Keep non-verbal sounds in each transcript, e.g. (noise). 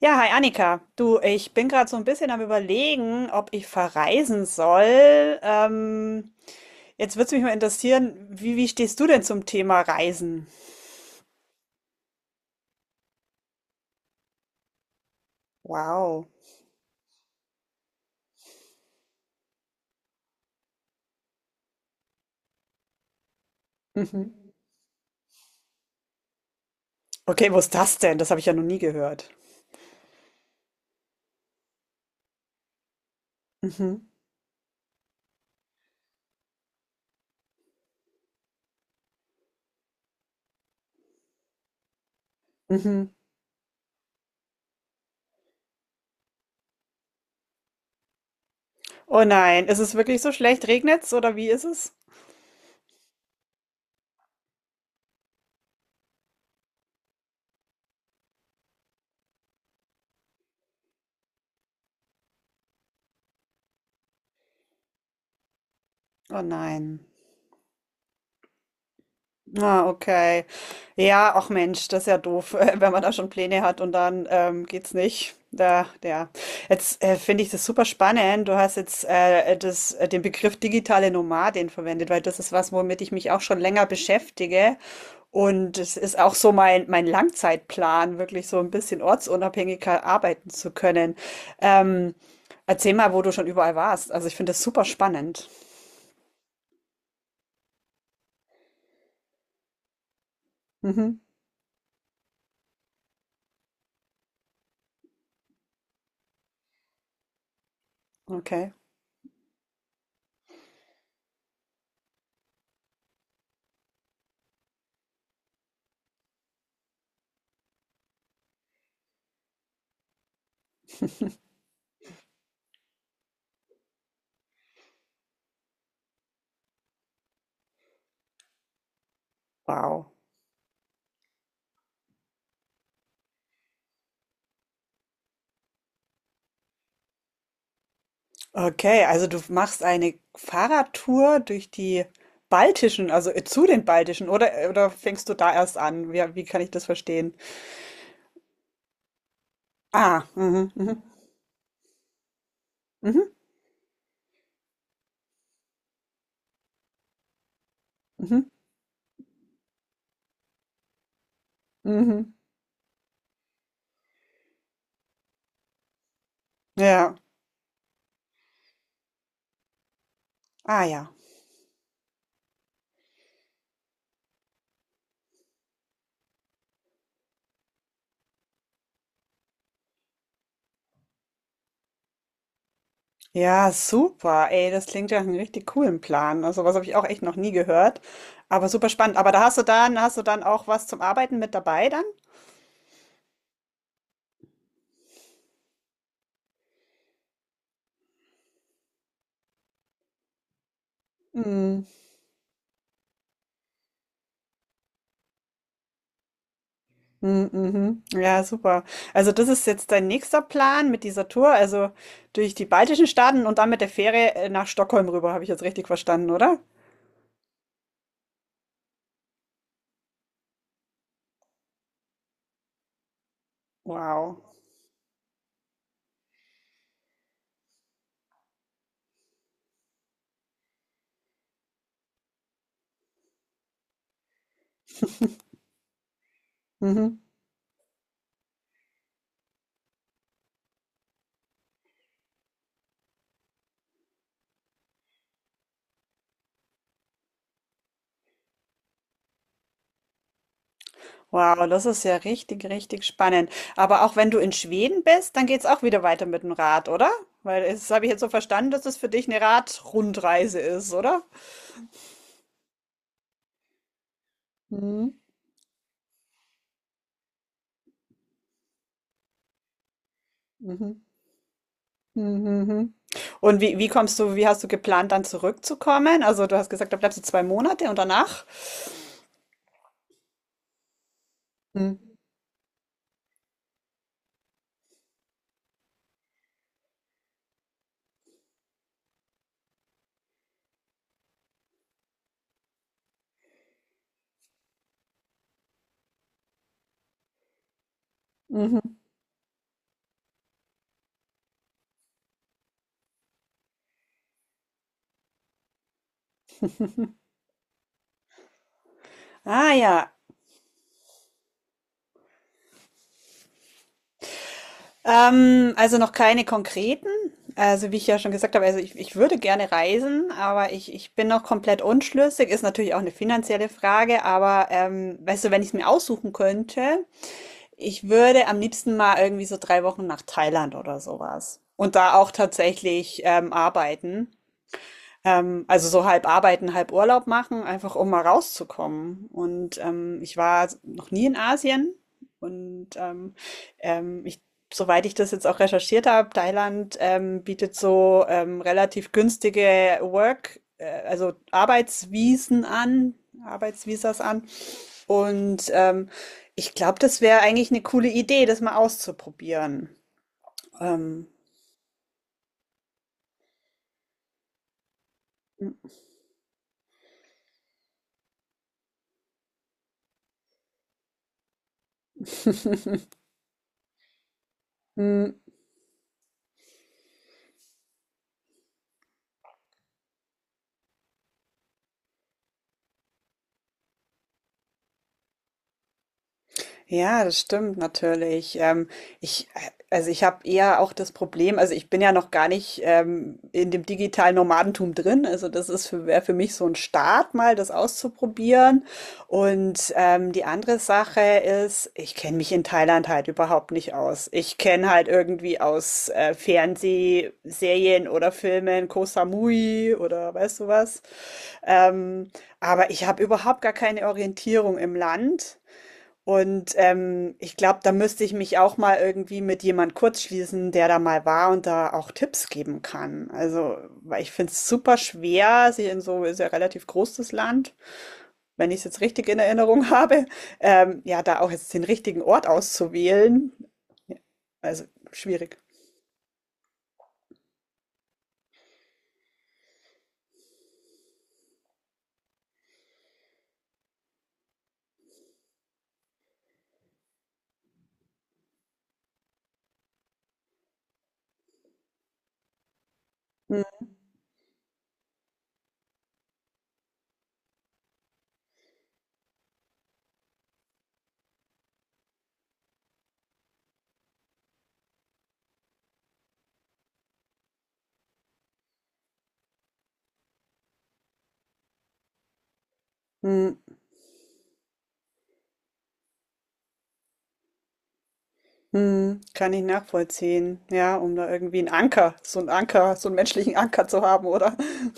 Ja, hi Annika. Du, ich bin gerade so ein bisschen am Überlegen, ob ich verreisen soll. Jetzt würde es mich mal interessieren, wie stehst du denn zum Thema Reisen? Wow. Mhm. Okay, wo ist das denn? Das habe ich ja noch nie gehört. Mhm. Mhm. Oh nein, ist es wirklich so schlecht? Regnet's oder wie ist es? Oh nein. Ah, okay. Ja, ach Mensch, das ist ja doof, (laughs) wenn man da schon Pläne hat und dann geht's nicht. Da, ja. Jetzt finde ich das super spannend. Du hast jetzt den Begriff digitale Nomadin verwendet, weil das ist was, womit ich mich auch schon länger beschäftige. Und es ist auch so mein Langzeitplan, wirklich so ein bisschen ortsunabhängiger arbeiten zu können. Ähm, Erzähl mal, wo du schon überall warst. Also ich finde das super spannend. Mhm. Okay. Wow. Okay, also du machst eine Fahrradtour durch die baltischen, zu den baltischen, oder oder fängst du da erst an? Wie kann ich das verstehen? Ah, mhm, mhm, mhm, mhm, mhm, mhm. Ja, ah ja. Ja, super, ey, das klingt ja nach einem richtig coolen Plan. Also was habe ich auch echt noch nie gehört, aber super spannend. Aber da hast du hast du dann auch was zum Arbeiten mit dabei dann? Hm. Mm, mhm. Ja, super. Also das ist jetzt dein nächster Plan mit dieser Tour, also durch die baltischen Staaten und dann mit der Fähre nach Stockholm rüber, habe ich jetzt richtig verstanden, oder? Wow. Mhm. Wow, das ist ja richtig, richtig spannend. Aber auch wenn du in Schweden bist, dann geht's auch wieder weiter mit dem Rad, oder? Weil das habe ich jetzt so verstanden, dass es für dich eine Radrundreise ist, oder? Mhm. Mhm. Mhm. Mhm. Mhm. Und wie kommst wie hast du geplant, dann zurückzukommen? Also du hast gesagt, da bleibst du zwei Monate und danach? Mhm. Mhm. Ah ja, also noch keine konkreten. Also wie ich ja schon gesagt habe, ich würde gerne reisen, aber ich bin noch komplett unschlüssig. Ist natürlich auch eine finanzielle Frage, aber weißt du, wenn ich es mir aussuchen könnte, ich würde am liebsten mal irgendwie so drei Wochen nach Thailand oder sowas. Und da auch tatsächlich arbeiten. Also so halb arbeiten, halb Urlaub machen, einfach um mal rauszukommen. Und ich war noch nie in Asien und ähm, ich, soweit ich das jetzt auch recherchiert habe, Thailand bietet so relativ günstige also Arbeitsvisen an, Arbeitsvisas an. Und ich glaube, das wäre eigentlich eine coole Idee, das mal auszuprobieren. Ähm, Ja, das stimmt natürlich. Ich, äh, also ich habe eher auch das Problem, also ich bin ja noch gar nicht in dem digitalen Nomadentum drin. Also das ist wäre für mich so ein Start, mal das auszuprobieren. Und die andere Sache ist, ich kenne mich in Thailand halt überhaupt nicht aus. Ich kenne halt irgendwie aus Fernsehserien oder Filmen Koh Samui oder weißt du was. Ähm, aber ich habe überhaupt gar keine Orientierung im Land. Und ich glaube, da müsste ich mich auch mal irgendwie mit jemand kurzschließen, der da mal war und da auch Tipps geben kann. Also, weil ich finde es super schwer, sie in so, ist ja relativ groß das Land, wenn ich es jetzt richtig in Erinnerung (laughs) habe, ja, da auch jetzt den richtigen Ort auszuwählen. Ja, also, schwierig. Hm, hm, hm, kann ich nachvollziehen, ja, um da irgendwie so so einen menschlichen Anker zu haben, oder? (laughs)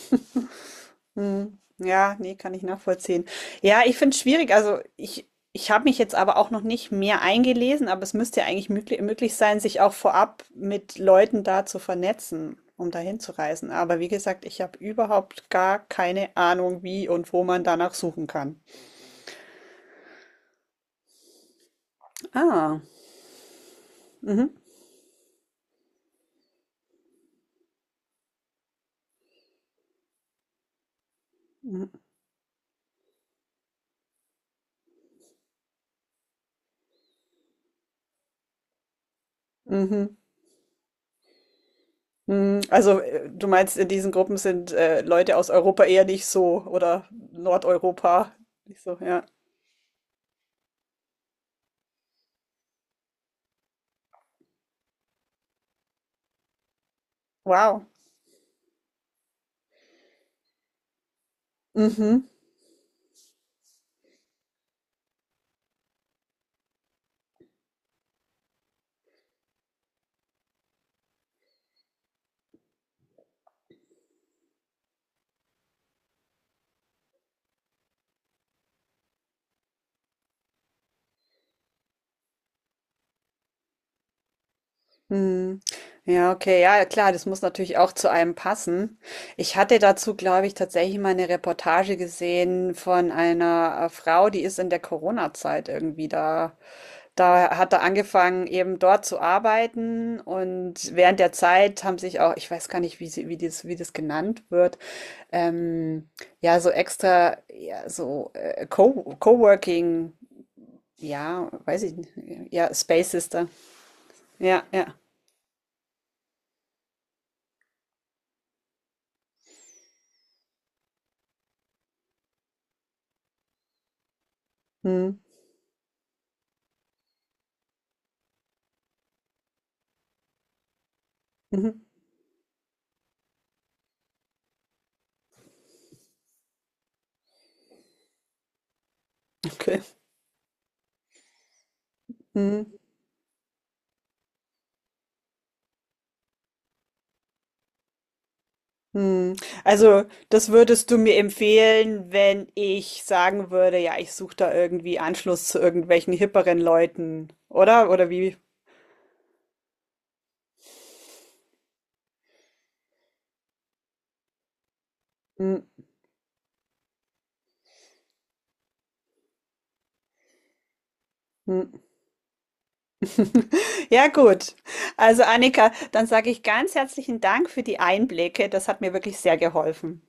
Mhm. Ja, nee, kann ich nachvollziehen. Ja, ich finde es schwierig. Ich habe mich jetzt aber auch noch nicht mehr eingelesen, aber es müsste ja eigentlich möglich sein, sich auch vorab mit Leuten da zu vernetzen, um dahin zu reisen. Aber wie gesagt, ich habe überhaupt gar keine Ahnung, wie und wo man danach suchen kann. Ah, mhm. Mhm. Mhm. Mhm. Also du meinst, in diesen Gruppen sind Leute aus Europa eher nicht so oder Nordeuropa nicht so, ja. Wow. Mhm. Hm. Ja, okay, ja, ja, klar, das muss natürlich auch zu einem passen. Ich hatte dazu, glaube ich, tatsächlich mal eine Reportage gesehen von einer Frau, die ist in der Corona-Zeit irgendwie da. Da hat er angefangen, eben dort zu arbeiten und während der Zeit haben sich auch, ich weiß gar nicht, wie das genannt wird, ähm, ja, so extra, ja, so Co Coworking, ja, weiß ich nicht, ja, Spaces da, ja, ja. Hm. Mhm. Okay. Mhm. Mhm. Also, das würdest du mir empfehlen, wenn ich sagen würde, ja, ich suche da irgendwie Anschluss zu irgendwelchen hipperen Leuten, oder? Oder wie? Mhm. Mhm. Ja, gut. Also, Annika, dann sage ich ganz herzlichen Dank für die Einblicke. Das hat mir wirklich sehr geholfen.